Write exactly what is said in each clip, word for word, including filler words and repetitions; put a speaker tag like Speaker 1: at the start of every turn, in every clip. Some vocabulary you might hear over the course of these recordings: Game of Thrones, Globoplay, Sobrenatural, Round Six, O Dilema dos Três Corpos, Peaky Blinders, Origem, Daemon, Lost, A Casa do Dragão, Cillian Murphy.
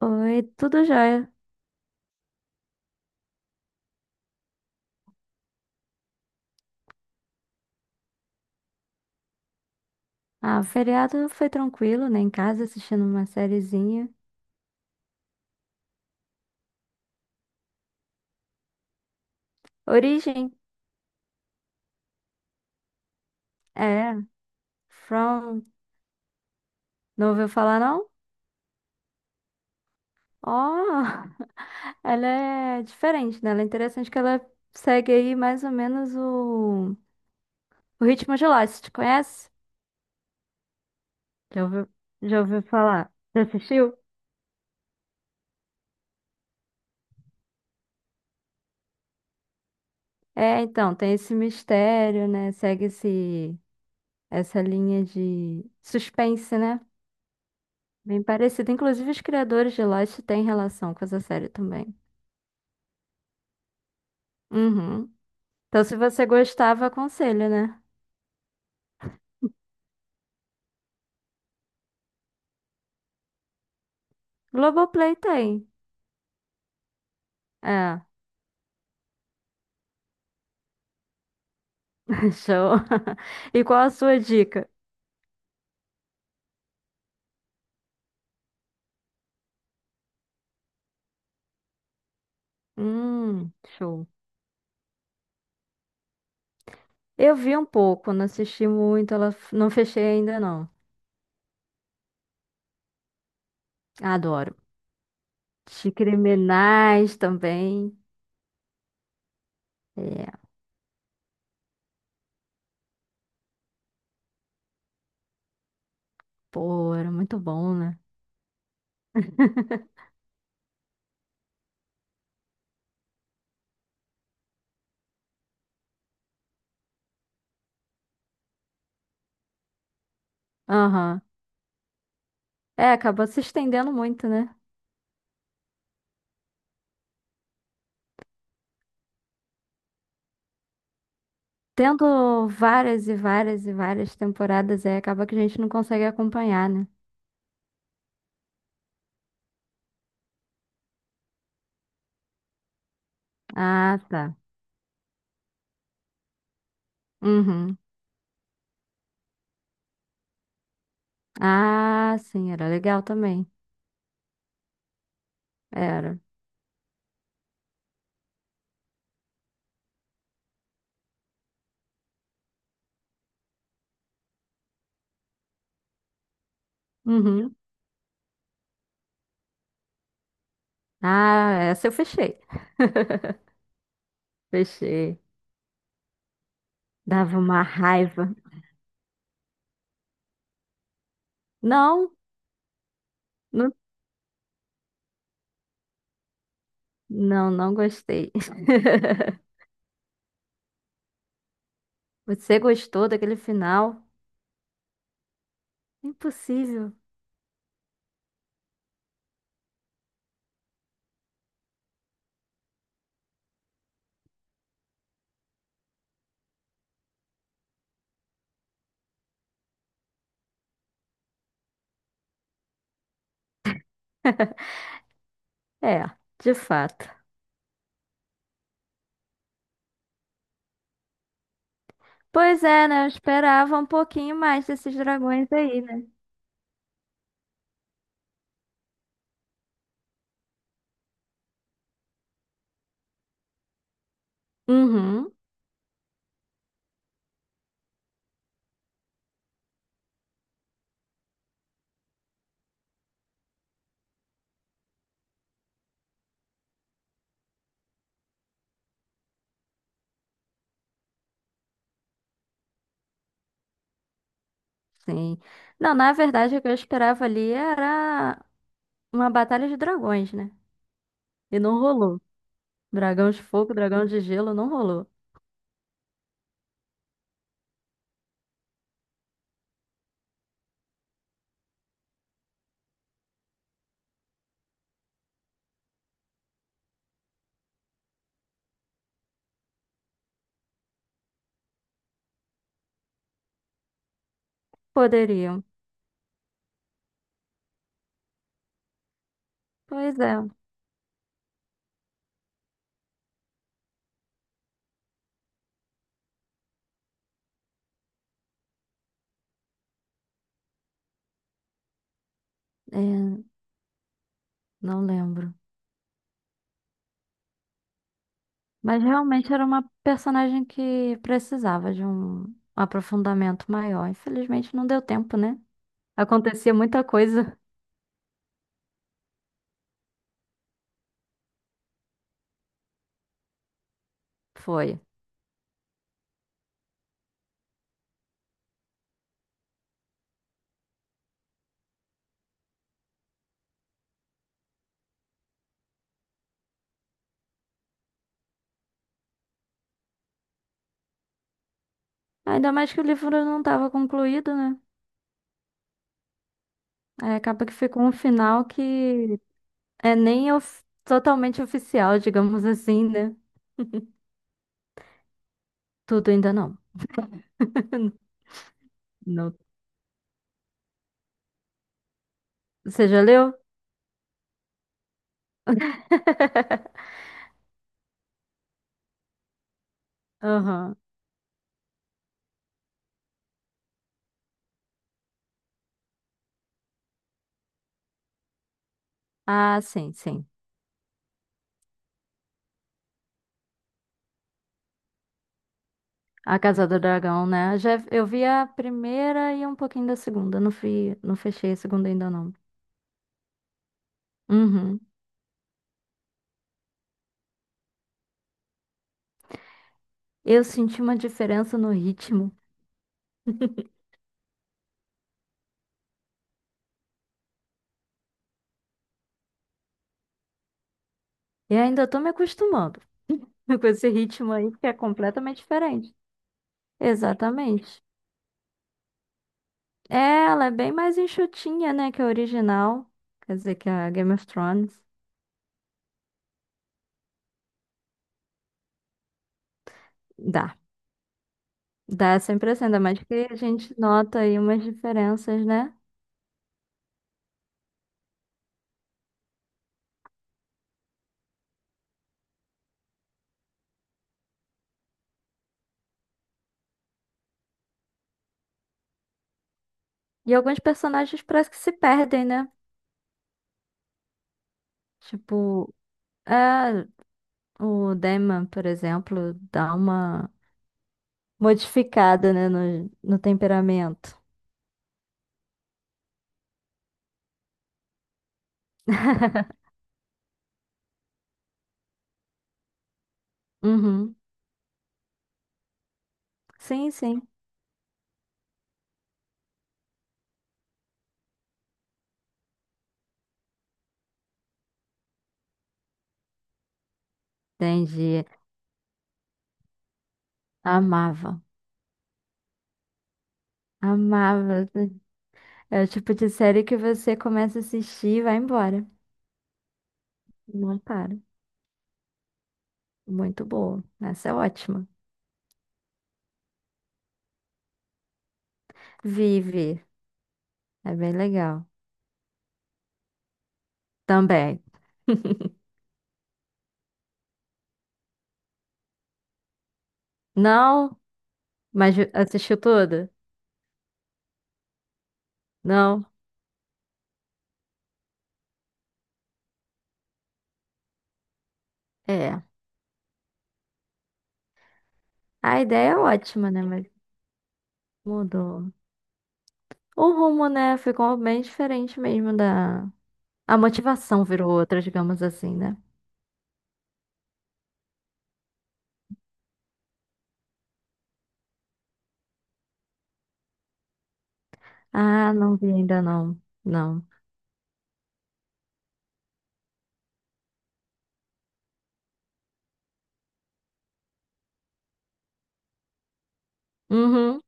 Speaker 1: Oi, tudo jóia? Ah, o feriado foi tranquilo, né? Em casa assistindo uma sériezinha. Origem, é, From, não ouviu falar não? Ó, ela é diferente, né? Ela é interessante que ela segue aí mais ou menos o, o ritmo de Lost, Você conhece? Já ouviu, já ouviu falar? Já assistiu? É, então, tem esse mistério, né? Segue esse, essa linha de suspense, né? Bem parecido. Inclusive, os criadores de Lost têm relação com essa série também. Uhum. Então, se você gostava, aconselho, né? Globoplay tem. É, show. E qual a sua dica? Hum, show. Eu vi um pouco, não assisti muito, ela f- não fechei ainda não. Adoro. De criminais também. É, pô, era muito bom, né? Aham. É, acabou se estendendo muito, né? Tendo várias e várias e várias temporadas, aí acaba que a gente não consegue acompanhar, né? Ah, tá. Uhum. Ah, sim, era legal também. Era. Uhum. Ah, essa eu fechei. Fechei. Dava uma raiva. Não, não, não, não gostei. Você gostou daquele final? Impossível. É, de fato. Pois é, né? Eu esperava um pouquinho mais desses dragões aí, né? Uhum. Sim. Não, na verdade, o que eu esperava ali era uma batalha de dragões, né? E não rolou. Dragão de fogo, dragão de gelo, não rolou. Poderiam. Pois é. É, não lembro. Mas realmente era uma personagem que precisava de um aprofundamento maior. Infelizmente não deu tempo, né? Acontecia muita coisa. Foi. Ainda mais que o livro não estava concluído, né? Aí acaba que ficou um final que é nem of- totalmente oficial, digamos assim, né? Tudo ainda não. Não. Você já leu? Aham. Ah, sim, sim. A Casa do Dragão, né? Já, eu vi a primeira e um pouquinho da segunda. Não fui, não fechei a segunda ainda não. Uhum. Eu senti uma diferença no ritmo. E ainda tô me acostumando com esse ritmo aí que é completamente diferente. Exatamente. É, ela é bem mais enxutinha, né, que a original. Quer dizer, que a Game of Thrones. Dá. Dá essa impressão, ainda mais que a gente nota aí umas diferenças, né? E alguns personagens parece que se perdem, né? Tipo, é, o Daemon, por exemplo, dá uma modificada, né, no, no temperamento. Uhum. Sim, sim. Entendi. Amava. Amava. É o tipo de série que você começa a assistir e vai embora. Não para. Muito boa. Essa é ótima. Vive. É bem legal. Também. Não? Mas assistiu tudo? Não? É. A ideia é ótima, né? Mas mudou. O rumo, né? Ficou bem diferente mesmo da. A motivação virou outra, digamos assim, né? Ah, não vi ainda não. Não. Uhum.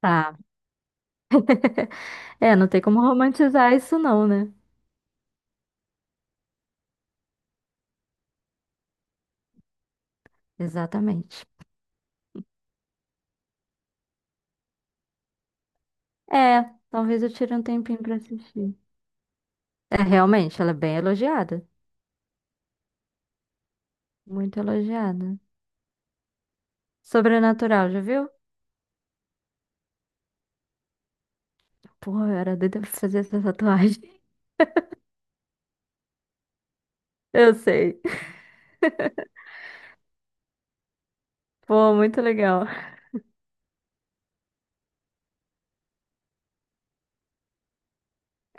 Speaker 1: Tá. É, não tem como romantizar isso, não, né? Exatamente. É, talvez eu tire um tempinho pra assistir. É, realmente, ela é bem elogiada. Muito elogiada. Sobrenatural, já viu? Pô, eu era doida pra fazer essa tatuagem. Eu sei. Pô, muito legal.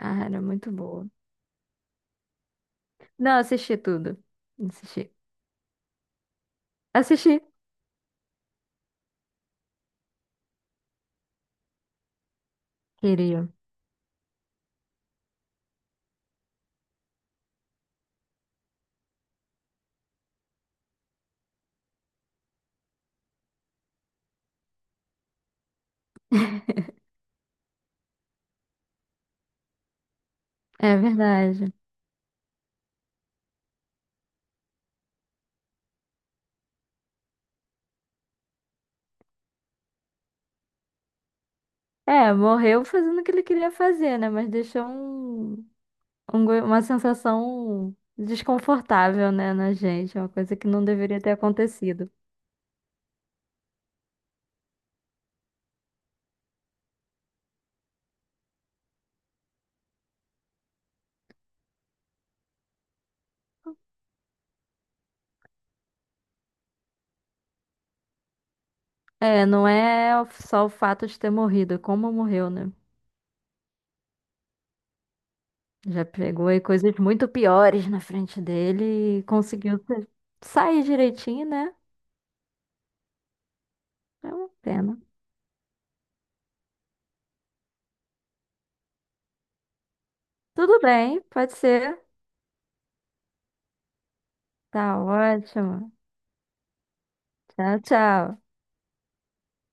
Speaker 1: Ah, era muito boa. Não, assisti tudo. Assisti. Assisti. Queria. É verdade. É, morreu fazendo o que ele queria fazer, né? Mas deixou um, um go- uma sensação desconfortável, né, na gente. É uma coisa que não deveria ter acontecido. É, não é só o fato de ter morrido, é como morreu, né? Já pegou aí coisas muito piores na frente dele e conseguiu sa- sair direitinho, né? É uma pena. Tudo bem, pode ser. Tá ótimo. Tchau, tchau.